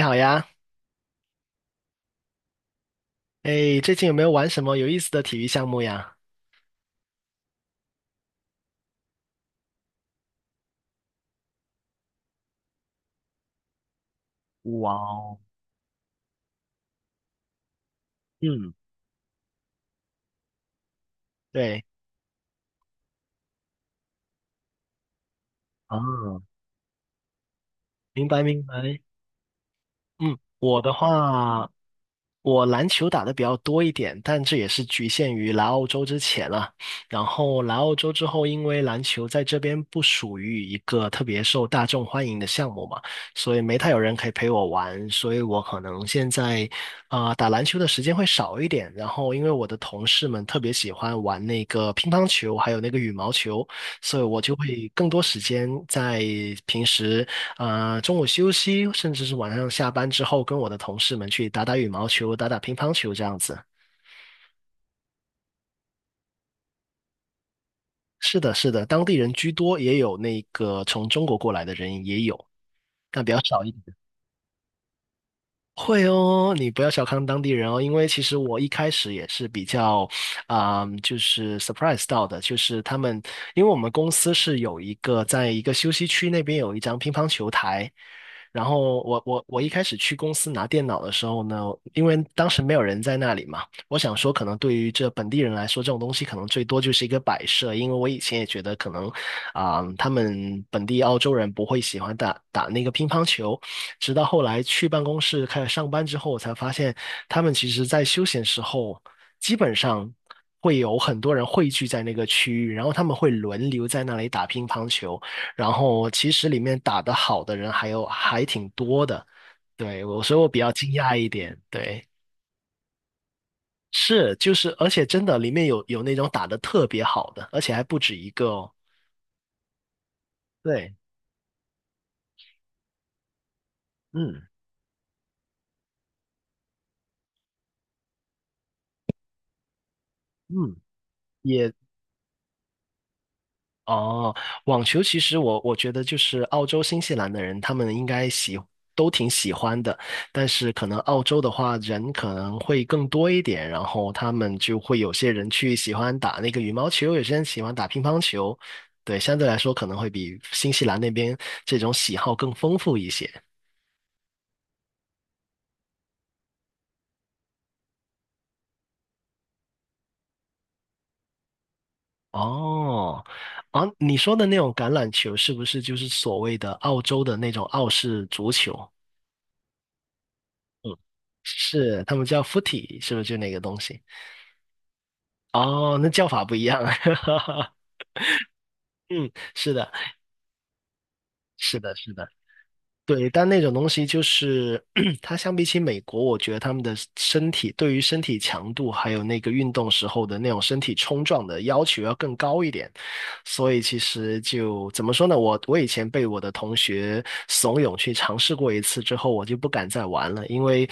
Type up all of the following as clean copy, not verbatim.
你好呀。哎，最近有没有玩什么有意思的体育项目呀？哇哦。嗯。对。啊，明白明白。嗯，我的话，我篮球打的比较多一点，但这也是局限于来澳洲之前了。然后来澳洲之后，因为篮球在这边不属于一个特别受大众欢迎的项目嘛，所以没太有人可以陪我玩，所以我可能现在打篮球的时间会少一点。然后因为我的同事们特别喜欢玩那个乒乓球，还有那个羽毛球，所以我就会更多时间在平时。啊，中午休息，甚至是晚上下班之后，跟我的同事们去打打羽毛球、打打乒乓球这样子。是的，是的，当地人居多，也有那个从中国过来的人也有，但比较少一点。会哦，你不要小看当地人哦，因为其实我一开始也是比较，就是 surprise 到的，就是他们，因为我们公司是有一个在一个休息区那边有一张乒乓球台，然后我一开始去公司拿电脑的时候呢，因为当时没有人在那里嘛，我想说可能对于这本地人来说，这种东西可能最多就是一个摆设，因为我以前也觉得可能，他们本地澳洲人不会喜欢打打那个乒乓球。直到后来去办公室开始上班之后，我才发现他们其实在休闲时候，基本上会有很多人汇聚在那个区域，然后他们会轮流在那里打乒乓球，然后其实里面打得好的人还有还挺多的，对，我所以我比较惊讶一点，对。是，就是，而且真的里面有那种打得特别好的，而且还不止一个哦。对。嗯嗯。也哦，网球其实我觉得就是澳洲、新西兰的人，他们应该都挺喜欢的，但是可能澳洲的话人可能会更多一点，然后他们就会有些人去喜欢打那个羽毛球，有些人喜欢打乒乓球，对，相对来说可能会比新西兰那边这种喜好更丰富一些。哦，啊，你说的那种橄榄球是不是就是所谓的澳洲的那种澳式足球？嗯，是，他们叫 footy，是不是就那个东西？哦，那叫法不一样啊。嗯，是的，是的，是的，对。但那种东西就是，它相比起美国，我觉得他们的身体对于身体强度还有那个运动时候的那种身体冲撞的要求要更高一点。所以其实就怎么说呢？我以前被我的同学怂恿去尝试过一次之后，我就不敢再玩了，因为。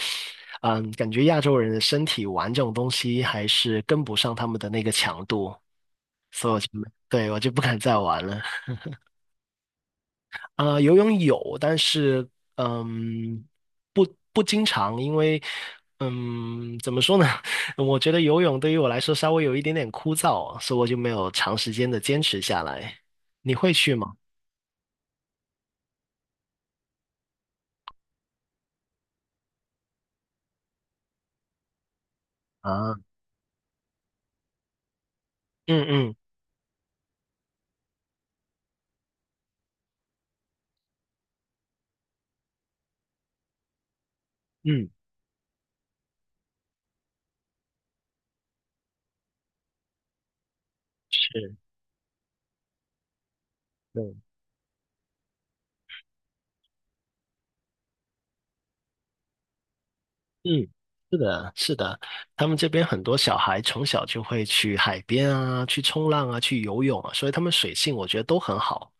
嗯，感觉亚洲人的身体玩这种东西还是跟不上他们的那个强度。所有前辈，对，我就不敢再玩了。游泳有，但是嗯，不不经常，因为嗯，怎么说呢？我觉得游泳对于我来说稍微有一点点枯燥，所以我就没有长时间的坚持下来。你会去吗？啊。嗯嗯。嗯。是。对。嗯，是的，是的，他们这边很多小孩从小就会去海边啊，去冲浪啊，去游泳啊，所以他们水性我觉得都很好。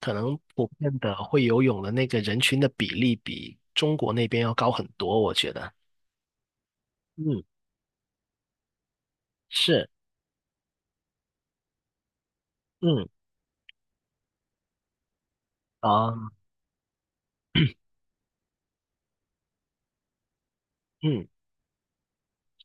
可能普遍的会游泳的那个人群的比例比中国那边要高很多，我觉得。嗯，是。嗯。啊。嗯。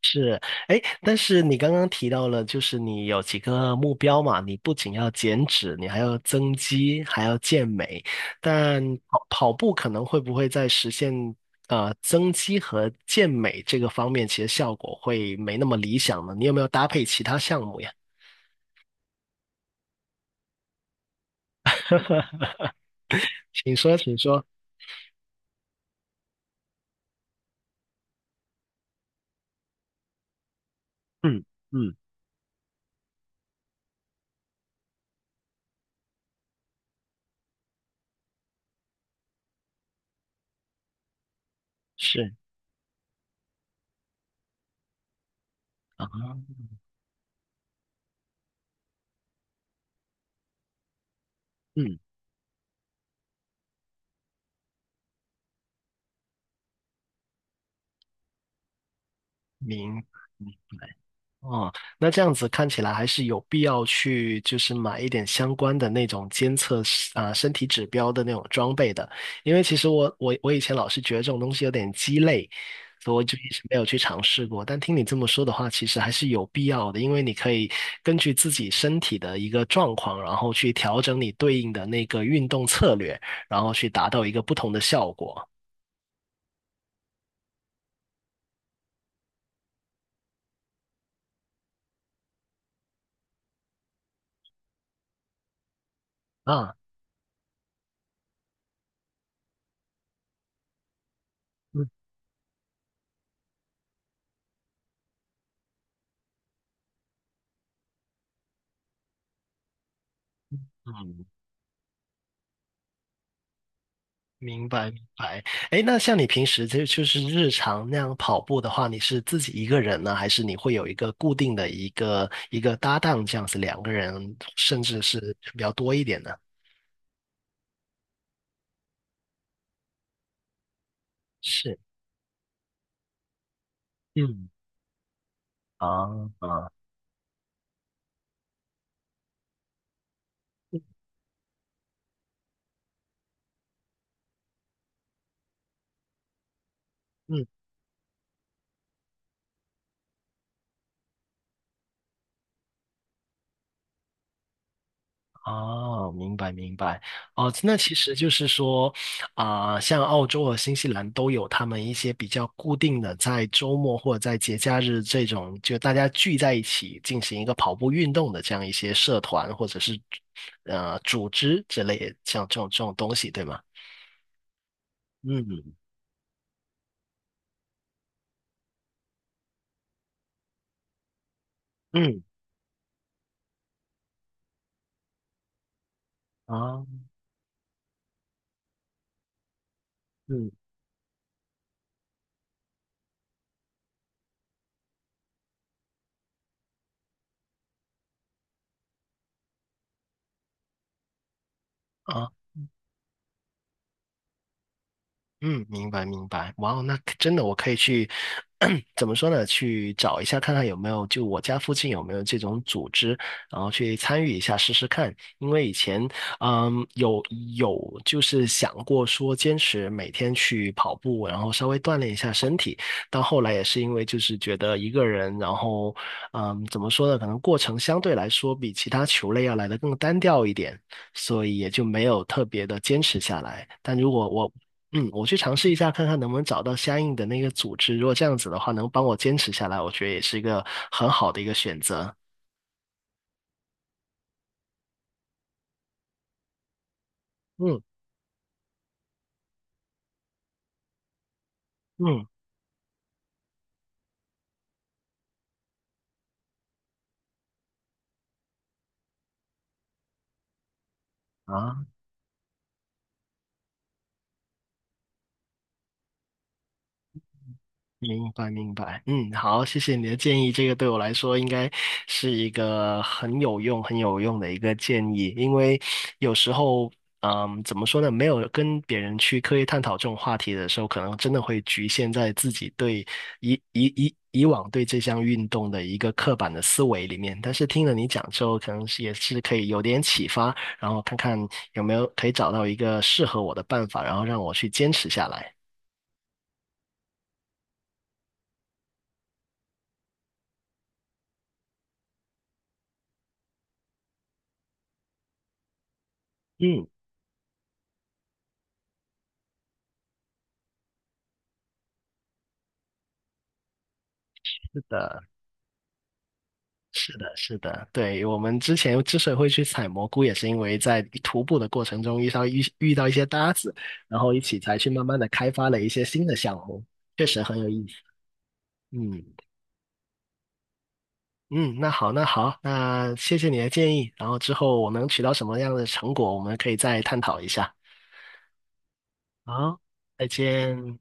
是。哎，但是你刚刚提到了，就是你有几个目标嘛，你不仅要减脂，你还要增肌，还要健美，但跑跑步可能会不会在实现增肌和健美这个方面，其实效果会没那么理想呢？你有没有搭配其他项目呀？请说，请说。嗯嗯。是啊。嗯，明白。哦，那这样子看起来还是有必要去，就是买一点相关的那种监测是啊、身体指标的那种装备的，因为其实我以前老是觉得这种东西有点鸡肋，所以我就一直没有去尝试过。但听你这么说的话，其实还是有必要的，因为你可以根据自己身体的一个状况，然后去调整你对应的那个运动策略，然后去达到一个不同的效果啊。嗯嗯。明白明白。哎，那像你平时就是日常那样跑步的话，你是自己一个人呢，还是你会有一个固定的一个搭档这样子，两个人甚至是比较多一点的？是。嗯。啊啊。嗯。哦，明白明白。哦，那其实就是说，像澳洲和新西兰都有他们一些比较固定的，在周末或者在节假日这种，就大家聚在一起进行一个跑步运动的这样一些社团或者是组织之类的，像这种这种东西，对吗？嗯嗯啊嗯。啊。嗯，明白明白，哇哦，那可真的我可以去，怎么说呢？去找一下看看有没有，就我家附近有没有这种组织，然后去参与一下试试看。因为以前，嗯，有就是想过说坚持每天去跑步，然后稍微锻炼一下身体，到后来也是因为就是觉得一个人，然后，嗯，怎么说呢？可能过程相对来说比其他球类要来的更单调一点。所以也就没有特别的坚持下来。但如果我嗯，我去尝试一下，看看能不能找到相应的那个组织。如果这样子的话，能帮我坚持下来，我觉得也是一个很好的一个选择。嗯嗯。啊。明白，明白。嗯，好，谢谢你的建议。这个对我来说应该是一个很有用、很有用的一个建议，因为有时候，嗯，怎么说呢？没有跟别人去刻意探讨这种话题的时候，可能真的会局限在自己对以往对这项运动的一个刻板的思维里面。但是听了你讲之后，可能是也是可以有点启发，然后看看有没有可以找到一个适合我的办法，然后让我去坚持下来。嗯，是的。是的，是的，对，我们之前之所以会去采蘑菇，也是因为在徒步的过程中遇到一些搭子，然后一起才去慢慢的开发了一些新的项目，确实很有意思。嗯嗯。那好，那好，那谢谢你的建议，然后之后我能取到什么样的成果，我们可以再探讨一下。好，再见。